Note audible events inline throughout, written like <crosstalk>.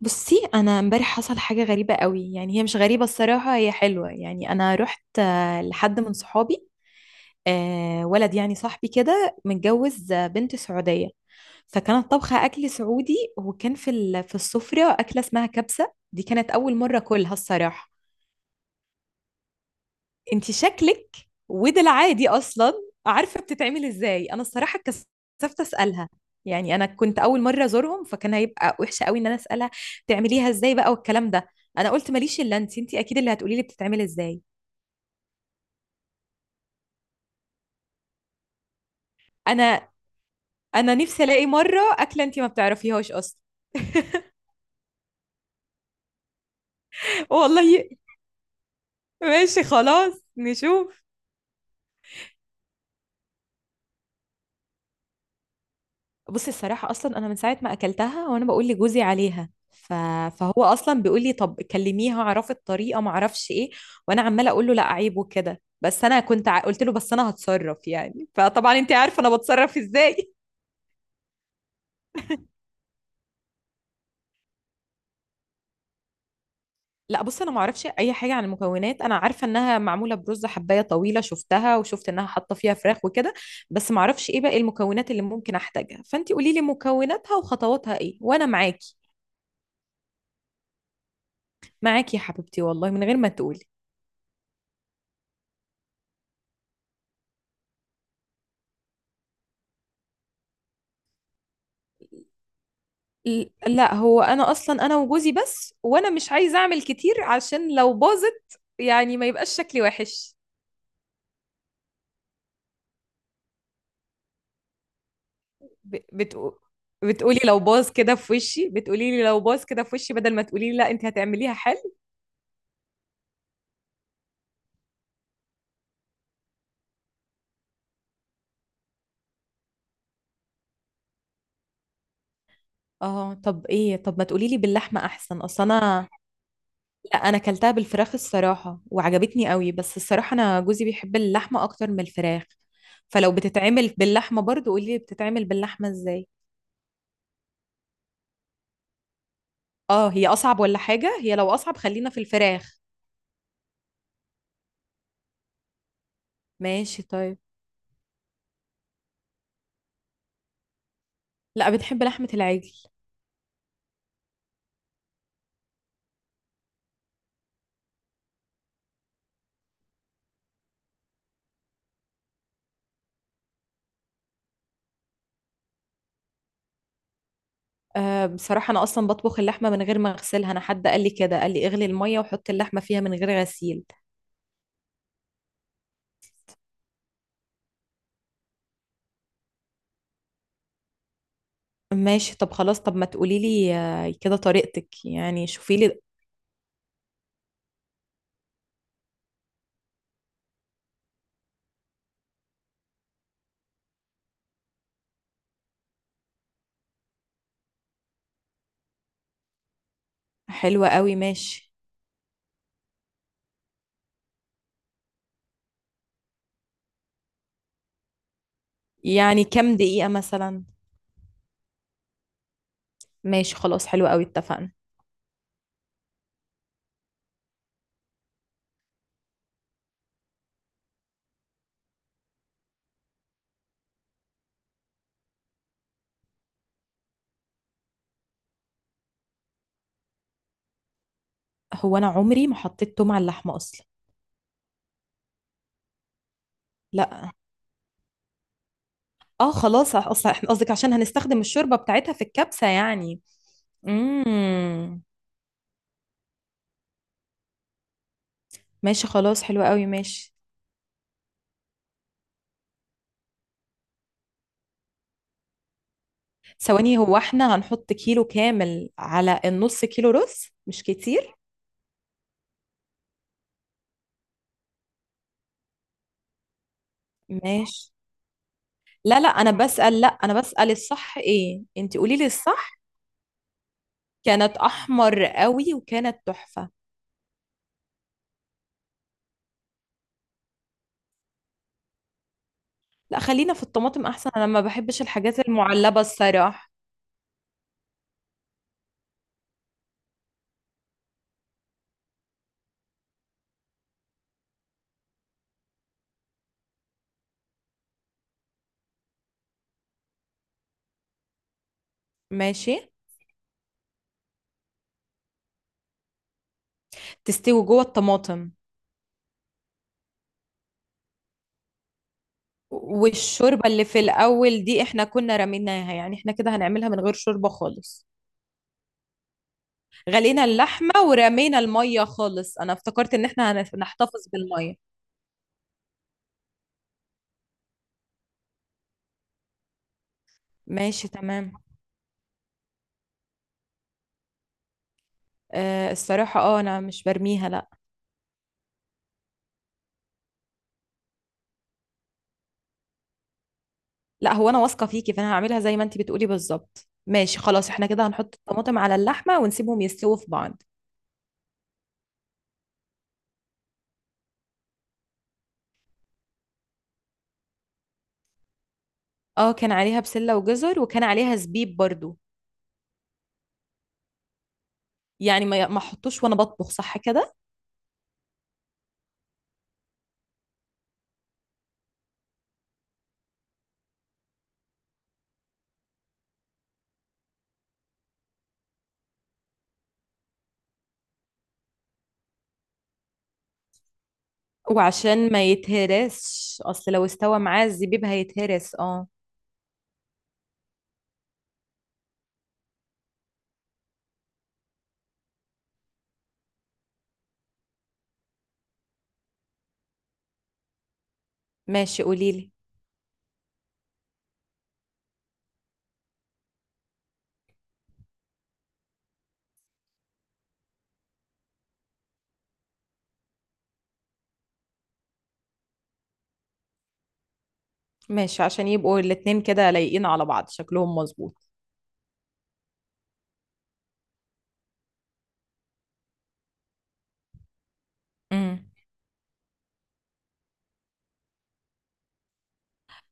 بصي انا امبارح حصل حاجه غريبه قوي. يعني هي مش غريبه الصراحه، هي حلوه. يعني انا رحت لحد من صحابي. ولد يعني صاحبي كده متجوز بنت سعوديه. فكانت طبخه اكل سعودي، وكان في في السفره اكله اسمها كبسه. دي كانت اول مره اكلها الصراحه. انت شكلك وده العادي اصلا عارفه بتتعمل ازاي. انا الصراحه اتكسفت اسالها، يعني انا كنت اول مره ازورهم، فكان هيبقى وحشه قوي ان انا اسالها بتعمليها ازاي بقى والكلام ده. انا قلت ماليش الا انت اكيد اللي هتقولي لي بتتعمل ازاي. انا انا نفسي الاقي مره اكله انت ما بتعرفيهاش اصلا. <laughs> والله. ماشي خلاص نشوف. بُصّي الصراحة أصلًا أنا من ساعة ما أكلتها وأنا باقول لجوزي عليها، فهو أصلًا بيقول لي: "طب كلميها اعرفي الطريقة،" ما اعرفش إيه، وأنا عمّالة أقول له: "لأ عيب" وكده، بس أنا كنت ع قُلت له: "بس أنا هاتصرّف يعني." فطبعًا أنتِ عارفة أنا باتصرّف إزاي. <laughs> لأ بُصّي أنا ما اعرفش أي حاجة عن المكونات، أنا عارفة إنها معمولة برُز حبّاية طويلة شُفتها، وشُفت إنها حاطة فيها فراخ وكده، بس ما اعرفش إيه باقي المكونات اللي ممكن أحتاجها، فأنتِ قولي لي مكوناتها وخطواتها إيه، وأنا معاكِ، معاكِ يا حبيبتي والله من غير ما تقولي. لا، هو انا اصلا وجوزي بس، وانا مش عايزه اعمل كتير عشان لو باظت يعني ما يبقاش شكلي وحش. ب- بتقو... بتقولي لو باظ كده في وشي، بتقولي لي لو باظ كده في وشي، بدل ما تقولي لي لا انت هتعمليها حلو. اه. طب ايه، طب ما تقولي لي باللحمه احسن اصل انا. لا انا اكلتها بالفراخ الصراحه وعجبتني قوي، بس الصراحه انا جوزي بيحب اللحمه اكتر من الفراخ. فلو بتتعمل باللحمه برضو قولي لي بتتعمل باللحمه ازاي. اه، هي اصعب ولا حاجه؟ هي لو اصعب خلينا في الفراخ. ماشي طيب. لا بنحب لحمة العجل. أه بصراحة أنا أصلا بطبخ اللحمة من غير ما أغسلها، أنا حد قال لي كده قال لي اغلي المية وحط اللحمة فيها من غير غسيل. ماشي طب خلاص، طب ما تقولي لي كده طريقتك يعني شوفي لي. حلوة قوي ماشي. يعني كام دقيقة مثلا؟ ماشي خلاص حلوة قوي اتفقنا. هو أنا عمري ما حطيت توم على اللحمة أصلا. لا. اه خلاص اصلا احنا قصدك عشان هنستخدم الشوربة بتاعتها في الكبسة يعني. امم. ماشي خلاص حلوة قوي ماشي. ثواني، هو احنا هنحط كيلو كامل على النص كيلو رز؟ مش كتير؟ ماشي. لا لا، انا بسأل، لا انا بسأل الصح ايه، انت قولي لي الصح. كانت احمر قوي وكانت تحفة. لا خلينا في الطماطم احسن، انا ما بحبش الحاجات المعلبة الصراحة. ماشي. تستوي جوه الطماطم؟ والشوربة اللي في الأول دي احنا كنا رميناها يعني، احنا كده هنعملها من غير شوربة خالص؟ غلينا اللحمة ورمينا المية خالص؟ أنا افتكرت إن احنا هنحتفظ بالمية. ماشي تمام. آه الصراحة اه انا مش برميها لا. لا هو انا واثقة فيكي، فانا هعملها زي ما انتي بتقولي بالظبط. ماشي خلاص احنا كده هنحط الطماطم على اللحمة ونسيبهم يستووا في بعض. اه كان عليها بسلة وجزر، وكان عليها زبيب برضو. يعني ما احطوش وانا بطبخ صح كده؟ وعشان ما يتهرسش، اصل لو استوى معاه الزبيب هيتهرس اه. ماشي قوليلي. ماشي عشان يبقوا الاتنين كده لايقين على بعض شكلهم مظبوط.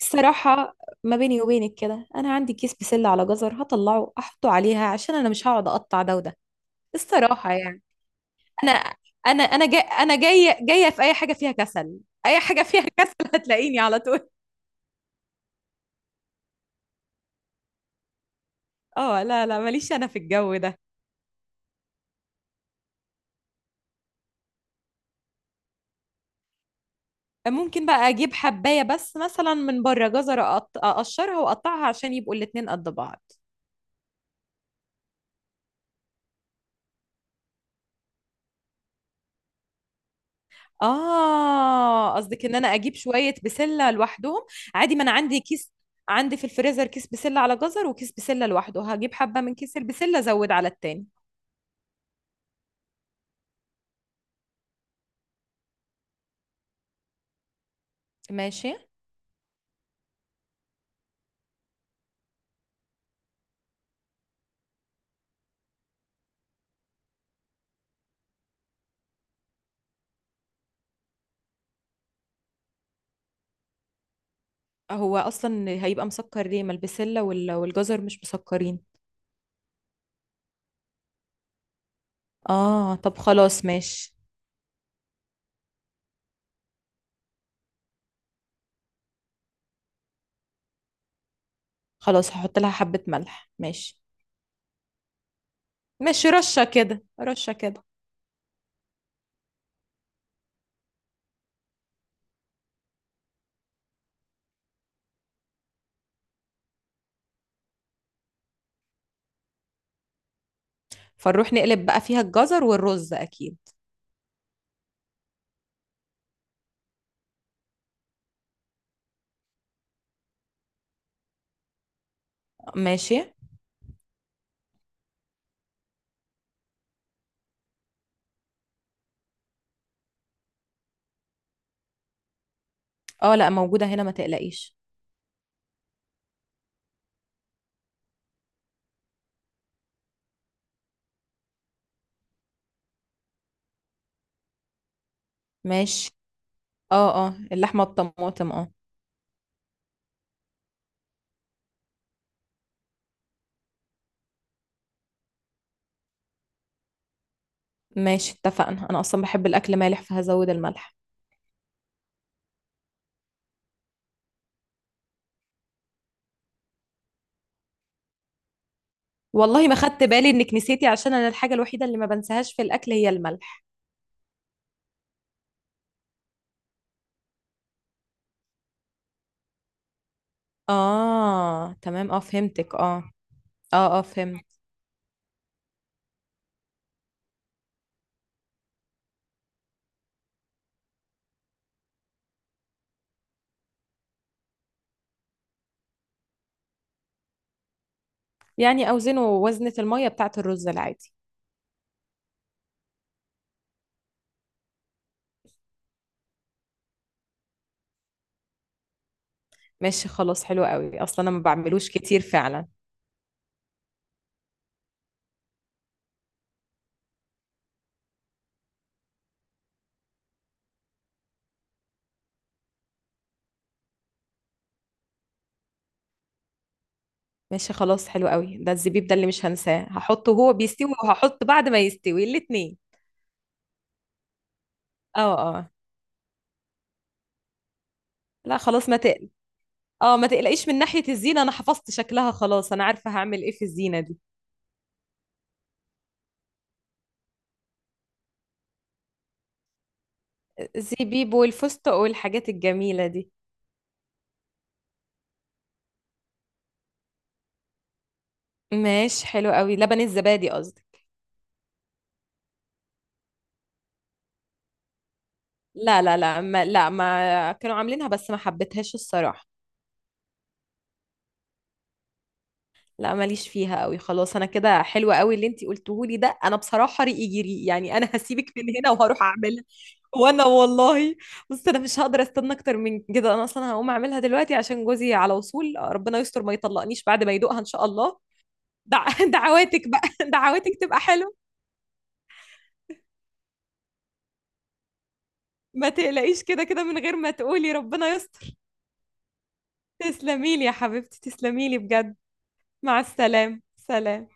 الصراحة ما بيني وبينك كده، أنا عندي كيس بسلة على جزر هطلعه أحطه عليها، عشان أنا مش هقعد أقطع ده وده. الصراحة يعني. أنا أنا جاية في أي حاجة فيها كسل. أي حاجة فيها <laughs> كسل هتلاقيني على طول. أه لا لا ماليش أنا في الجو ده. ممكن بقى أجيب حباية بس مثلا من بره جزر، أقشرها وأقطعها عشان يبقوا الاتنين قد بعض. اه قصدك ان انا اجيب شويه بسله لوحدهم. عادي، ما انا عندي كيس. عندي في الفريزر كيس بسله على جزر وكيس بسله لوحده، هجيب حبه من كيس البسله ازود على التاني. ماشي. هو اصلا هيبقى مسكر ليه، ما البسله والجزر مش مسكرين. اه طب خلاص ماشي. خلاص هحط لها حبه ملح ماشي. ماشي رشه كده رشه كده. فنروح نقلب بقى فيها الجزر والرز اكيد. ماشي. اه لا موجوده هنا ما تقلقيش. ماشي. اه اه اللحمه بطماطم اه. ماشي اتفقنا انا اصلا بحب الاكل مالح فهزود الملح. والله ما خدت بالي انك نسيتي، عشان انا الحاجه الوحيده اللي ما بنساهاش في الاكل هي الملح. اه تمام، اه فهمتك اه. اه اه فهمت. يعني اوزنه وزنة المية بتاعة الرز العادي؟ ماشي خلاص حلو قوي، اصلا انا ما بعملوش كتير فعلا. ماشي خلاص حلو قوي. ده الزبيب ده اللي مش هنساه، هحطه وهو بيستوي، وهحط بعد ما يستوي الاتنين. اه اه. لا خلاص ما تقل اه ما تقلقيش من ناحية الزينة، انا حفظت شكلها خلاص، انا عارفة هعمل ايه في الزينة دي. زي بيب والفستق والحاجات الجميلة دي. ماشي حلو قوي، لبن الزبادي قصدي. لا لا لا، ما كانوا عاملينها بس ما حبيتهاش الصراحة. لا ماليش فيها قوي خلاص، انا كده. حلوة قوي اللي انتي قلتهولي ده، انا بصراحة ريقي جري يعني، انا <laughs> هسيبك من هنا وهروح اعملها. وانا والله. بص انا مش هقدر استنى اكتر من كده، انا اصلا هقوم اعملها دلوقتي عشان جوزي على وصول، ربنا يستر ما يطلقنيش بعد ما يدوقها ان شاء الله. دع... <laughs> دعواتك بقى دعواتك تبقى حلوة. ما تقلقيش كده كده من غير ما تقولي ربنا يستر. تسلمي لي يا حبيبتي تسلمي لي بجد. مع السلامة سلام.